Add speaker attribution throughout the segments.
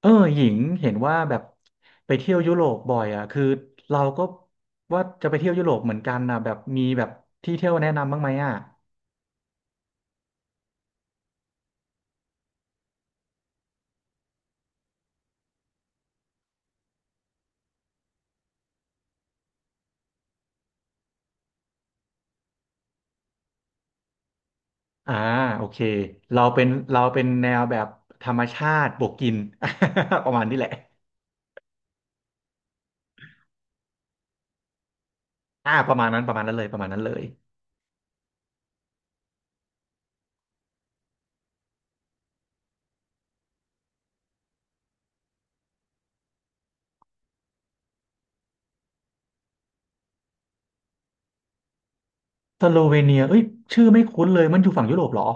Speaker 1: หญิงเห็นว่าแบบไปเที่ยวยุโรปบ่อยอ่ะคือเราก็ว่าจะไปเที่ยวยุโรปเหมือนกันนะแบบมีแบบที่เที่ยวแนะนำบ้างไหมอ่ะอ่าโอเคเราเป็นเราเป็นแนวแบบธรรมชาติบวกกิน ประมาณนี้แหละอ่าประมาณนั้นประมาณนั้นเลยประมาณนั้นเลยสโลเวเนียเอ้ยชื่อไม่คุ้นเลยมันอยู่ฝั่งยุโรปเหรอ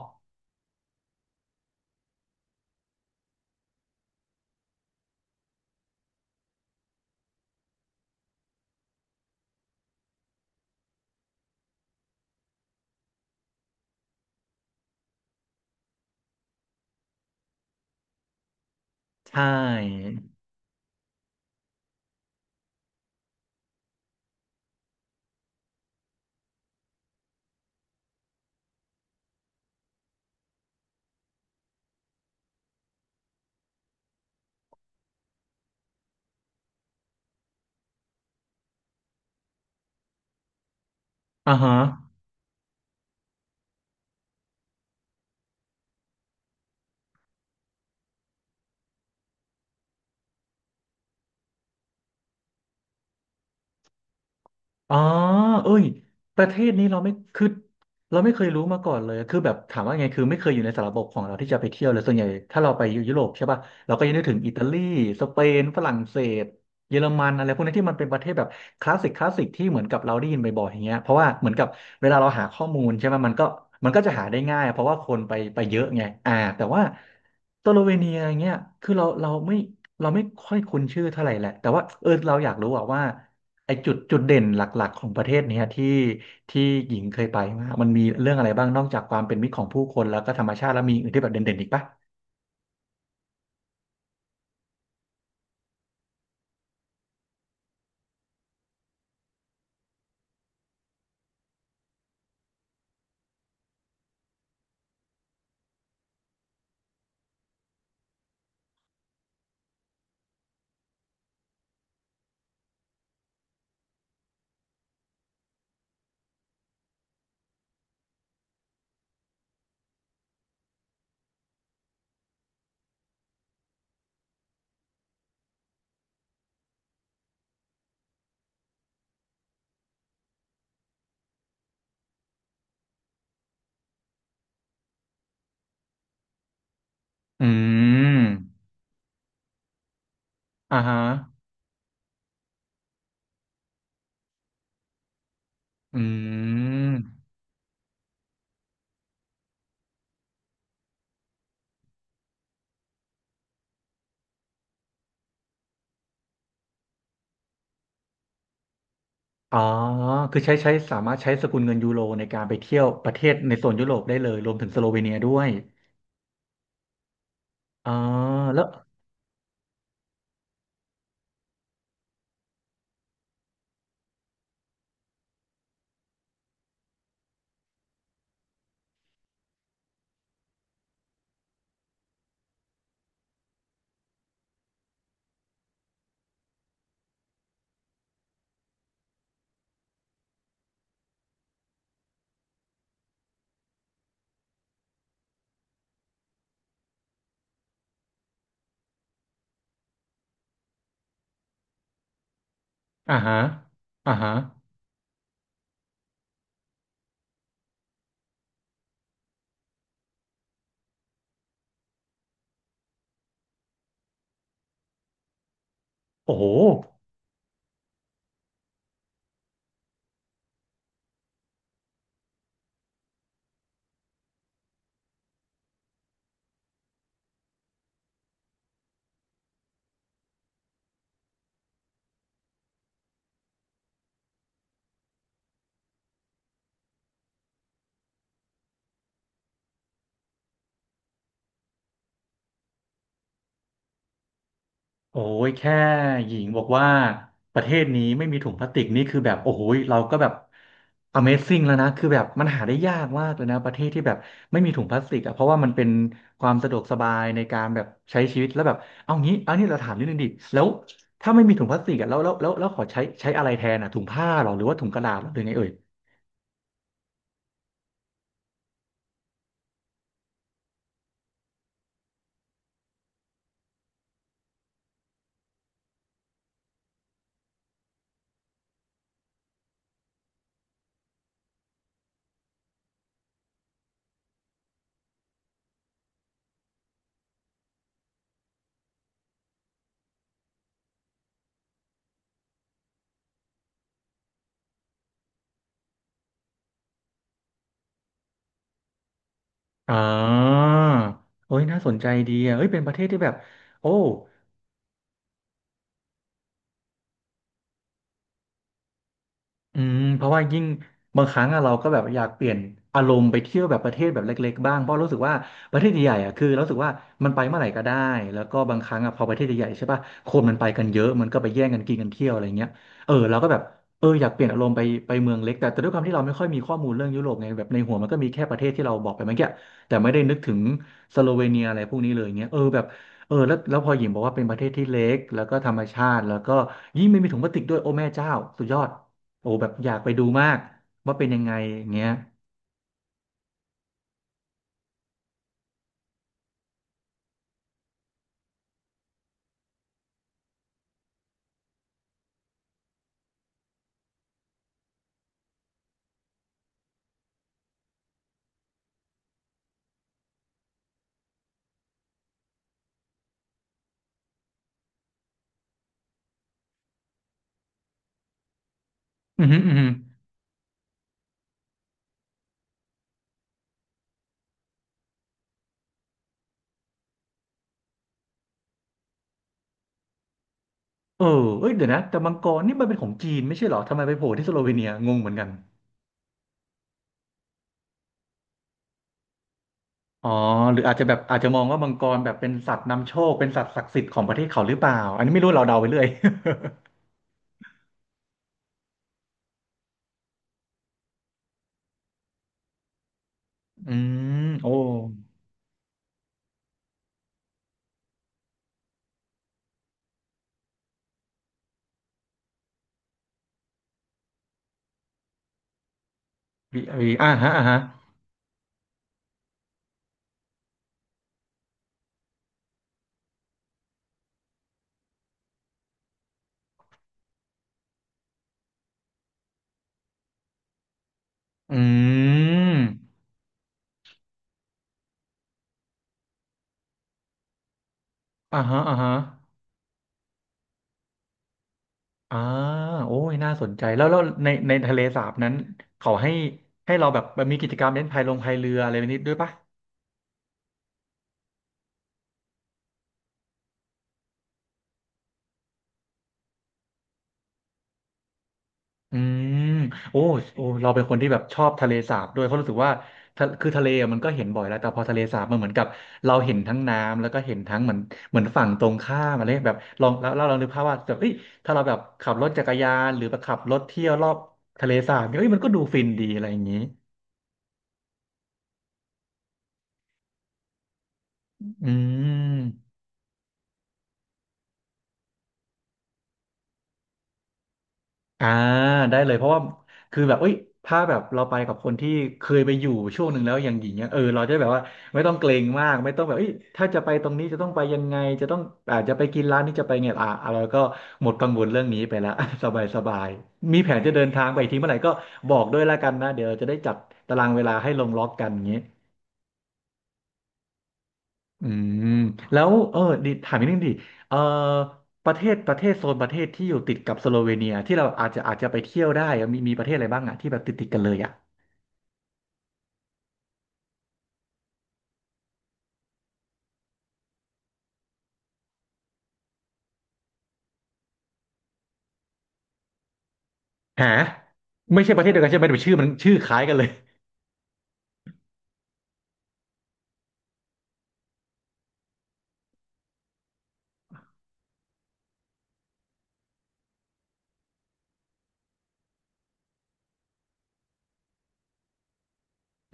Speaker 1: ใช่อ่าฮะ อ๋อเอ้ยประเทศนี้เราไม่เคยรู้มาก่อนเลยคือแบบถามว่าไงคือไม่เคยอยู่ในสารบบของเราที่จะไปเที่ยวเลยส่วนใหญ่ถ้าเราไปยุโรปใช่ป่ะเราก็จะนึกถึงอิตาลีสเปนฝรั่งเศสเยอรมันอะไรพวกนี้ที่มันเป็นประเทศแบบคลาสสิกคลาสสิกที่เหมือนกับเราได้ยินบ่อยๆอย่างเงี้ยเพราะว่าเหมือนกับเวลาเราหาข้อมูลใช่ไหมมันก็จะหาได้ง่ายเพราะว่าคนไปเยอะไงอ่าแต่ว่าสโลเวเนียอย่างเงี้ยคือเราไม่ค่อยคุ้นชื่อเท่าไหร่แหละแต่ว่าเออเราอยากรู้อะว่า ไอจุดเด่นหลักๆของประเทศเนี้ยที่ที่หญิงเคยไปมามันมีเรื่องอะไรบ้างนอกจากความเป็นมิตรของผู้คนแล้วก็ธรรมชาติแล้วมีอื่นที่แบบเด่นๆอีกปะอืมอ่าฮะอืมอ๋อคือใช้ใช้สามารถใช้สกุลเงินยูโรในการไปเที่ยวประเทศในโซนยุโรปได้เลยรวมถึงสโลเวเนียด้วยอ๋อแล้วอ่าฮะอ่าฮะโอ้โห โอ้ยแค่หญิงบอกว่าประเทศนี้ไม่มีถุงพลาสติกนี่คือแบบโอ้โหยเราก็แบบ Amazing แล้วนะคือแบบมันหาได้ยากมากเลยนะประเทศที่แบบไม่มีถุงพลาสติกอ่ะเพราะว่ามันเป็นความสะดวกสบายในการแบบใช้ชีวิตแล้วแบบเอางี้เอานี่เราถามนิดนึงดิแล้วถ้าไม่มีถุงพลาสติกอ่ะแล้วขอใช้อะไรแทนอ่ะถุงผ้าหรอหรือว่าถุงกระดาษหรอหรือไงเอ่ยอ่าโอ้ยน่าสนใจดีอ่ะเฮ้ยเป็นประเทศที่แบบโอ้ อืมเพราะว่ายิ่งบางครั้งอะเราก็แบบอยากเปลี่ยนอารมณ์ไปเที่ยวแบบประเทศแบบเล็กๆบ้างเพราะรู้สึกว่าประเทศใหญ่ๆอะคือเรารู้สึกว่ามันไปเมื่อไหร่ก็ได้แล้วก็บางครั้งอะพอประเทศใหญ่ๆใช่ป่ะคนมันไปกันเยอะมันก็ไปแย่งกันกินกันเที่ยวอะไรเงี้ยเออเราก็แบบเอออยากเปลี่ยนอารมณ์ไปเมืองเล็กแต่แต่ด้วยความที่เราไม่ค่อยมีข้อมูลเรื่องยุโรปไงแบบในหัวมันก็มีแค่ประเทศที่เราบอกไปเมื่อกี้แต่ไม่ได้นึกถึงสโลเวเนียอะไรพวกนี้เลยเงี้ยเออแบบเออแล้วพอหญิงบอกว่าเป็นประเทศที่เล็กแล้วก็ธรรมชาติแล้วก็ยิ่งไม่มีถุงพลาสติกด้วยโอ้แม่เจ้าสุดยอด โอ้แบบอยากไปดูมากว่าเป็นยังไงอย่างเงี้ยอืมอหืมออือหือเออเอ้ยเดี๋ยวนะแต่มังกรนี่มันเป็นของจีนไม่ใช่เหรอทำไมไปโผล่ที่สโลเวเนียงงเหมือนกันอ๋อหรืออาจจะแบบอาจจะมองว่ามังกรแบบเป็นสัตว์นำโชคเป็นสัตว์ศักดิ์สิทธิ์ของประเทศเขาหรือเปล่าอันนี้ไม่รู้เราเดาไปเรื่อย อืมโอ้วีวีอ่าฮะอ่าฮะอืมอ่าฮะอ่าฮะอ่าโอ้ยน่าสนใจแล้วในทะเลสาบนั้นเขาให้เราแบบมีกิจกรรมเล่นพายลงพายเรืออะไรแบบนี้ด้วยปะ อืมโอ้โอ้เราเป็นคนที่แบบชอบทะเลสาบด้วยเพราะรู้สึกว่าทะเลอะมันก็เห็นบ่อยแล้วแต่พอทะเลสาบมันเหมือนกับเราเห็นทั้งน้ำแล้วก็เห็นทั้งเหมือนเหมือนฝั่งตรงข้ามอะไรแบบลองแล้วเรานึกภาพว่าแบบเอ้ยถ้าเราแบบขับรถจักรยานหรือแบบขับรถเที่ยวรอบทะเลสาบเนี่ยเอ้ยมันก็ดูฟินดีอะไรอย่างนี้อืม อ่าได้เลยเพราะว่าคือแบบเอ้ยถ้าแบบเราไปกับคนที่เคยไปอยู่ช่วงหนึ่งแล้วอย่างหญิงเนี่ยเออเราจะได้แบบว่าไม่ต้องเกรงมากไม่ต้องแบบเอ้ยถ้าจะไปตรงนี้จะต้องไปยังไงจะต้องอาจจะไปกินร้านนี้จะไปไงอ่าเราก็หมดกังวลเรื่องนี้ไปแล้ว สบายสบายมีแผนจะเดินทางไปอีกทีเมื่อไหร่ก็บอกด้วยละกันนะเดี๋ยวเราจะได้จัดตารางเวลาให้ลงล็อกกันอย่างนี้ อืมแล้วเออดิถามนิดนึงดิเออประเทศโซนประเทศที่อยู่ติดกับสโลเวเนียที่เราอาจจะไปเที่ยวได้อะมีประเทศอะไรบ้างอะที่แบบติดกันเลยอะหาไม่ใช่ประเทศเดียวกันใช่ไหมแต่ชื่อมันชื่อคล้ายกันเลย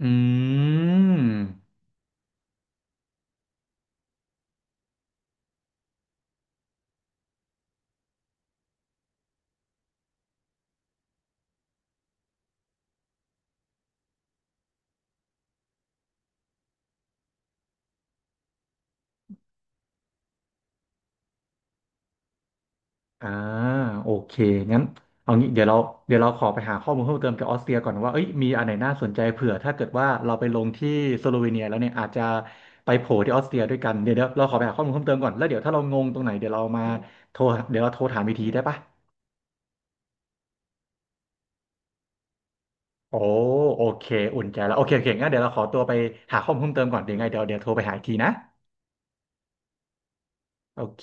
Speaker 1: อืม อ่าโอเคงั้นเอางี้เดี๋ยวเราขอไปหาข้อมูลเพิ่มเติมเกี่ยวกับออสเตรียก่อนว่าเอ้ยมีอันไหนน่าสนใจเผื่อถ้าเกิดว่าเราไปลงที่สโลเวเนียแล้วเนี่ยอาจจะไปโผล่ที่ออสเตรียด้วยกันเดี๋ยวเราขอไปหาข้อมูลเพิ่มเติมก่อนแล้วเดี๋ยวถ้าเรางงตรงไหนเดี๋ยวเรามาโทรเดี๋ยวเราโทรถามอีกทีได้ปะโอ้โอเคอุ่นใจแล้วโอเคโอเคงั้นเดี๋ยวเราขอตัวไปหาข้อมูลเพิ่มเติมก่อนเดี๋ยวังไงเดี๋ยวโทรไปหาอีกทีนะโอเค